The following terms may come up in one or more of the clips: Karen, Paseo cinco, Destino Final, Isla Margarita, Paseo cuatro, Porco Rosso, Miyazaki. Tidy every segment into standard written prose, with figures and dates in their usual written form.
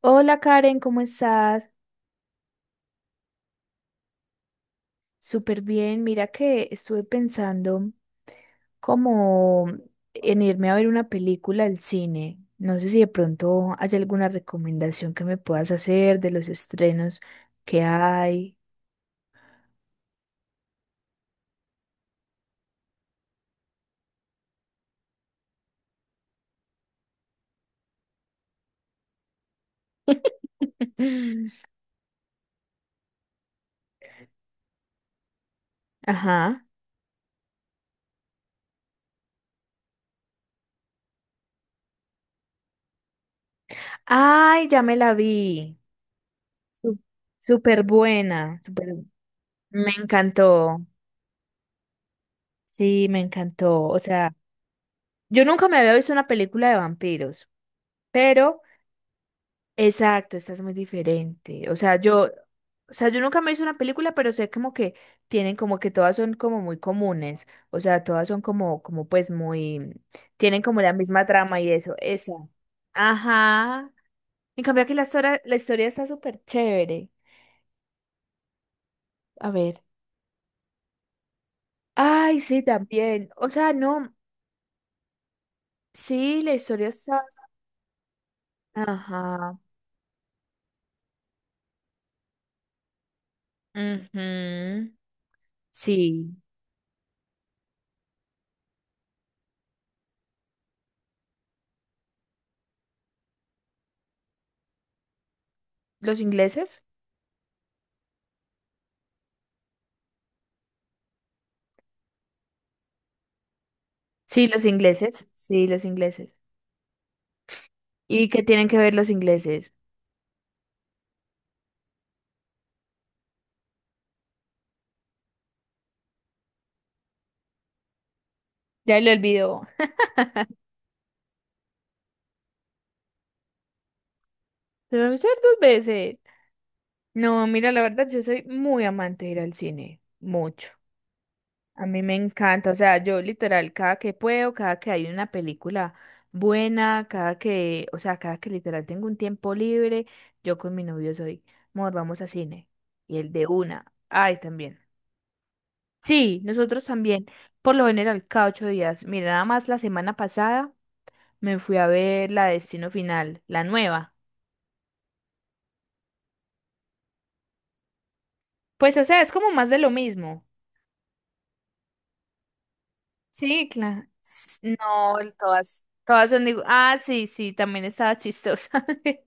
Hola Karen, ¿cómo estás? Súper bien. Mira que estuve pensando como en irme a ver una película al cine. No sé si de pronto hay alguna recomendación que me puedas hacer de los estrenos que hay. Ajá. Ay, ya me la vi. Sú- Súper buena. Súper- Me encantó. Sí, me encantó. O sea, yo nunca me había visto una película de vampiros. Pero exacto, estás muy diferente. O sea, o sea, yo nunca me hice una película, pero sé como que tienen como que todas son como muy comunes. O sea, todas son como, como pues muy, tienen como la misma trama y eso. Esa. Ajá. En cambio aquí la historia está súper chévere. A ver. Ay, sí, también. O sea, no. Sí, la historia está. Ajá. Ujú. Sí. ¿Los ingleses? Sí, los ingleses. Sí, los ingleses. ¿Y qué tienen que ver los ingleses? Ya lo olvidó. Lo voy a hacer dos veces. No, mira, la verdad, yo soy muy amante de ir al cine. Mucho. A mí me encanta. O sea, yo literal, cada que puedo, cada que hay una película buena, cada que, o sea, cada que literal tengo un tiempo libre, yo con mi novio soy, amor, vamos a cine. Y el de una. Ay, también. Sí, nosotros también. Por lo general, cada ocho días. Mira, nada más la semana pasada me fui a ver la Destino Final, la nueva. Pues, o sea, es como más de lo mismo. Sí, claro. S- No, todas son digo, ah, sí, sí, también estaba chistosa.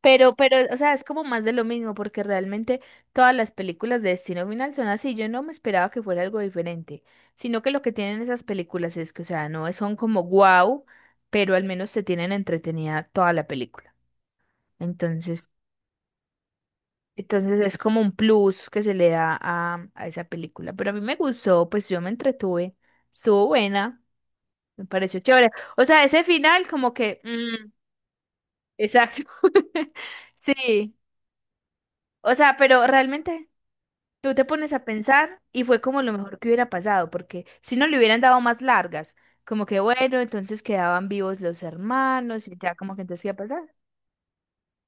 Pero, o sea, es como más de lo mismo, porque realmente todas las películas de Destino Final son así. Yo no me esperaba que fuera algo diferente, sino que lo que tienen esas películas es que, o sea, no son como wow, pero al menos te tienen entretenida toda la película. Entonces, entonces es como un plus que se le da a esa película. Pero a mí me gustó, pues yo me entretuve. Estuvo buena, me pareció chévere. O sea, ese final como que... exacto. Sí. O sea, pero realmente tú te pones a pensar y fue como lo mejor que hubiera pasado, porque si no le hubieran dado más largas, como que bueno, entonces quedaban vivos los hermanos y ya como que entonces qué iba a pasar.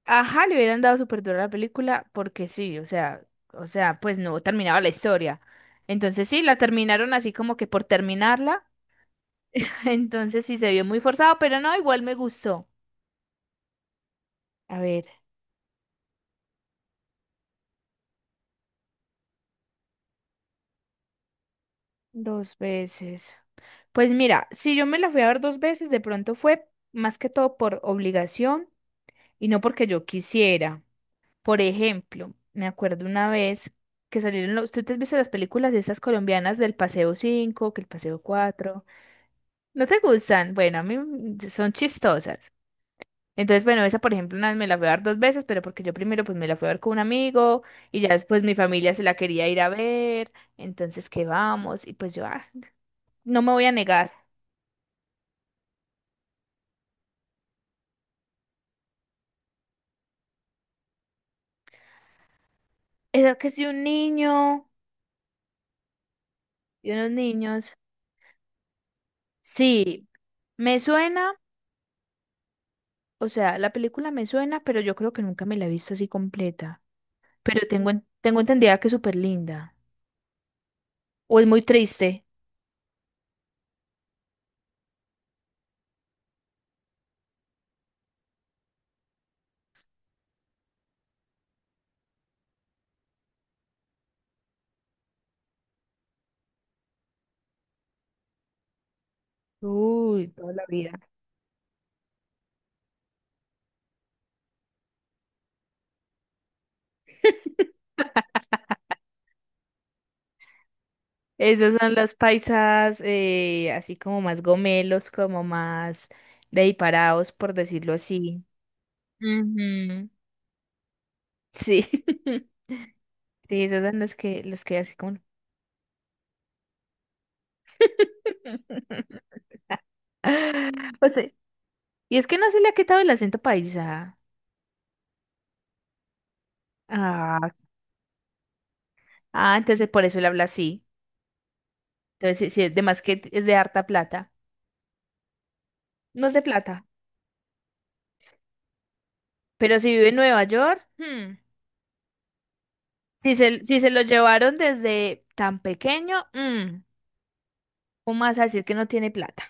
Ajá, le hubieran dado súper duro a la película porque sí, o sea, pues no terminaba la historia. Entonces sí, la terminaron así como que por terminarla. Entonces sí se vio muy forzado, pero no, igual me gustó. A ver, dos veces. Pues mira, si yo me la fui a ver dos veces, de pronto fue más que todo por obligación y no porque yo quisiera. Por ejemplo, me acuerdo una vez que salieron los... ¿Tú te has visto las películas de esas colombianas del Paseo cinco, que el Paseo cuatro? ¿No te gustan? Bueno, a mí son chistosas. Entonces, bueno, esa por ejemplo una vez me la fui a ver dos veces, pero porque yo primero pues me la fui a ver con un amigo y ya después mi familia se la quería ir a ver, entonces que vamos y pues yo ah, no me voy a negar. Esa que soy un niño y unos niños. Sí, me suena, o sea, la película me suena, pero yo creo que nunca me la he visto así completa. Pero tengo entendida que es súper linda o es muy triste. Uy, toda la vida. Esos son los paisas, así como más gomelos, como más de diparados, por decirlo así. Ujú. Sí, sí, esos son los que así como... Pues sí. Y es que no se le ha quitado el acento paisa. Ah, ah, entonces por eso él habla así. Entonces, sí, sí, es de más que es de harta plata. No es de plata. Pero si vive en Nueva York, hmm, si se lo llevaron desde tan pequeño, mm, ¿cómo vas a decir que no tiene plata?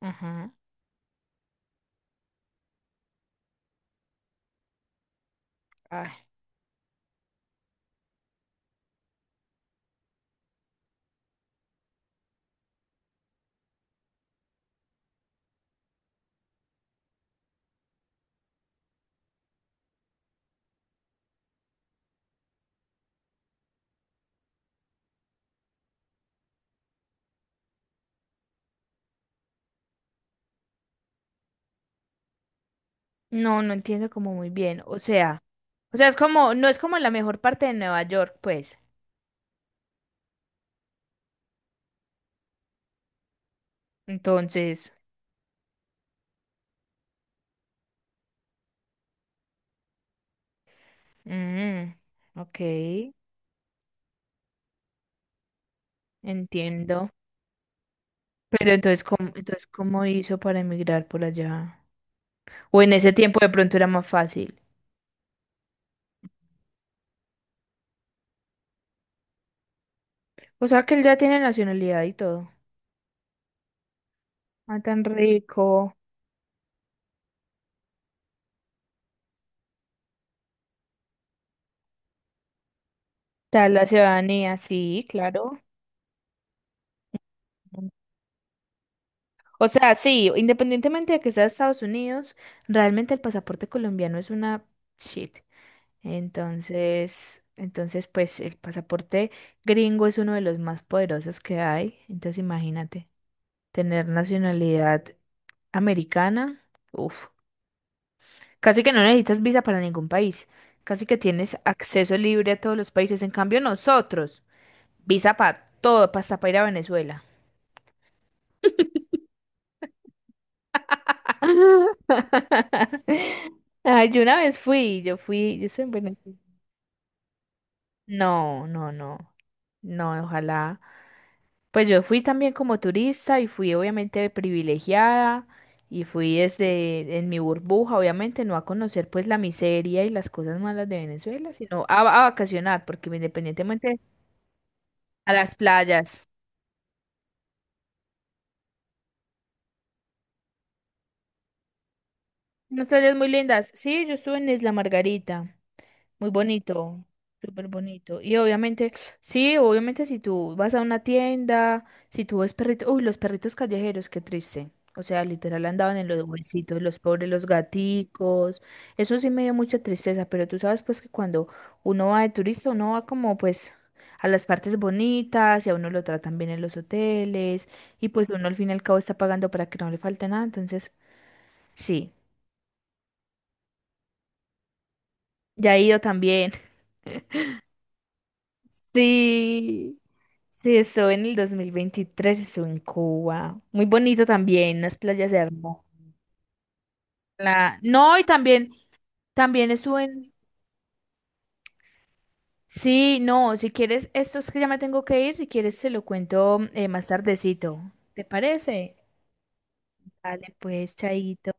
Ajá. Ay, no, no entiendo como muy bien. O sea, es como, no es como la mejor parte de Nueva York, pues. Entonces, mm, ok, entiendo. Pero entonces, ¿cómo hizo para emigrar por allá? O en ese tiempo de pronto era más fácil. O sea, que él ya tiene nacionalidad y todo. Ah, tan rico. Tal la ciudadanía, sí, claro. Mm. O sea, sí, independientemente de que sea Estados Unidos, realmente el pasaporte colombiano es una shit. Entonces, pues el pasaporte gringo es uno de los más poderosos que hay. Entonces, imagínate, tener nacionalidad americana, uff, casi que no necesitas visa para ningún país. Casi que tienes acceso libre a todos los países. En cambio, nosotros, visa para todo, pa' hasta para ir a Venezuela. Ay, yo una vez fui, yo soy en Venezuela. No, no, no. No, ojalá. Pues yo fui también como turista y fui obviamente privilegiada y fui desde en mi burbuja, obviamente, no a conocer pues la miseria y las cosas malas de Venezuela, sino a vacacionar, porque independientemente a las playas. Unas playas muy lindas. Sí, yo estuve en Isla Margarita. Muy bonito, súper bonito. Y obviamente, sí, obviamente si tú vas a una tienda, si tú ves perritos, uy, los perritos callejeros, qué triste. O sea, literal andaban en los huesitos, los pobres, los gaticos. Eso sí me dio mucha tristeza, pero tú sabes pues que cuando uno va de turista, uno va como pues a las partes bonitas y a uno lo tratan bien en los hoteles y pues uno al fin y al cabo está pagando para que no le falte nada. Entonces, sí, ya he ido también. Sí. Sí, estuve en el 2023, estuve en Cuba. Muy bonito también, las playas hermosas. No, y también, también estuve en... Sí, no, si quieres, esto es que ya me tengo que ir, si quieres se lo cuento más tardecito. ¿Te parece? Dale, pues, chaito.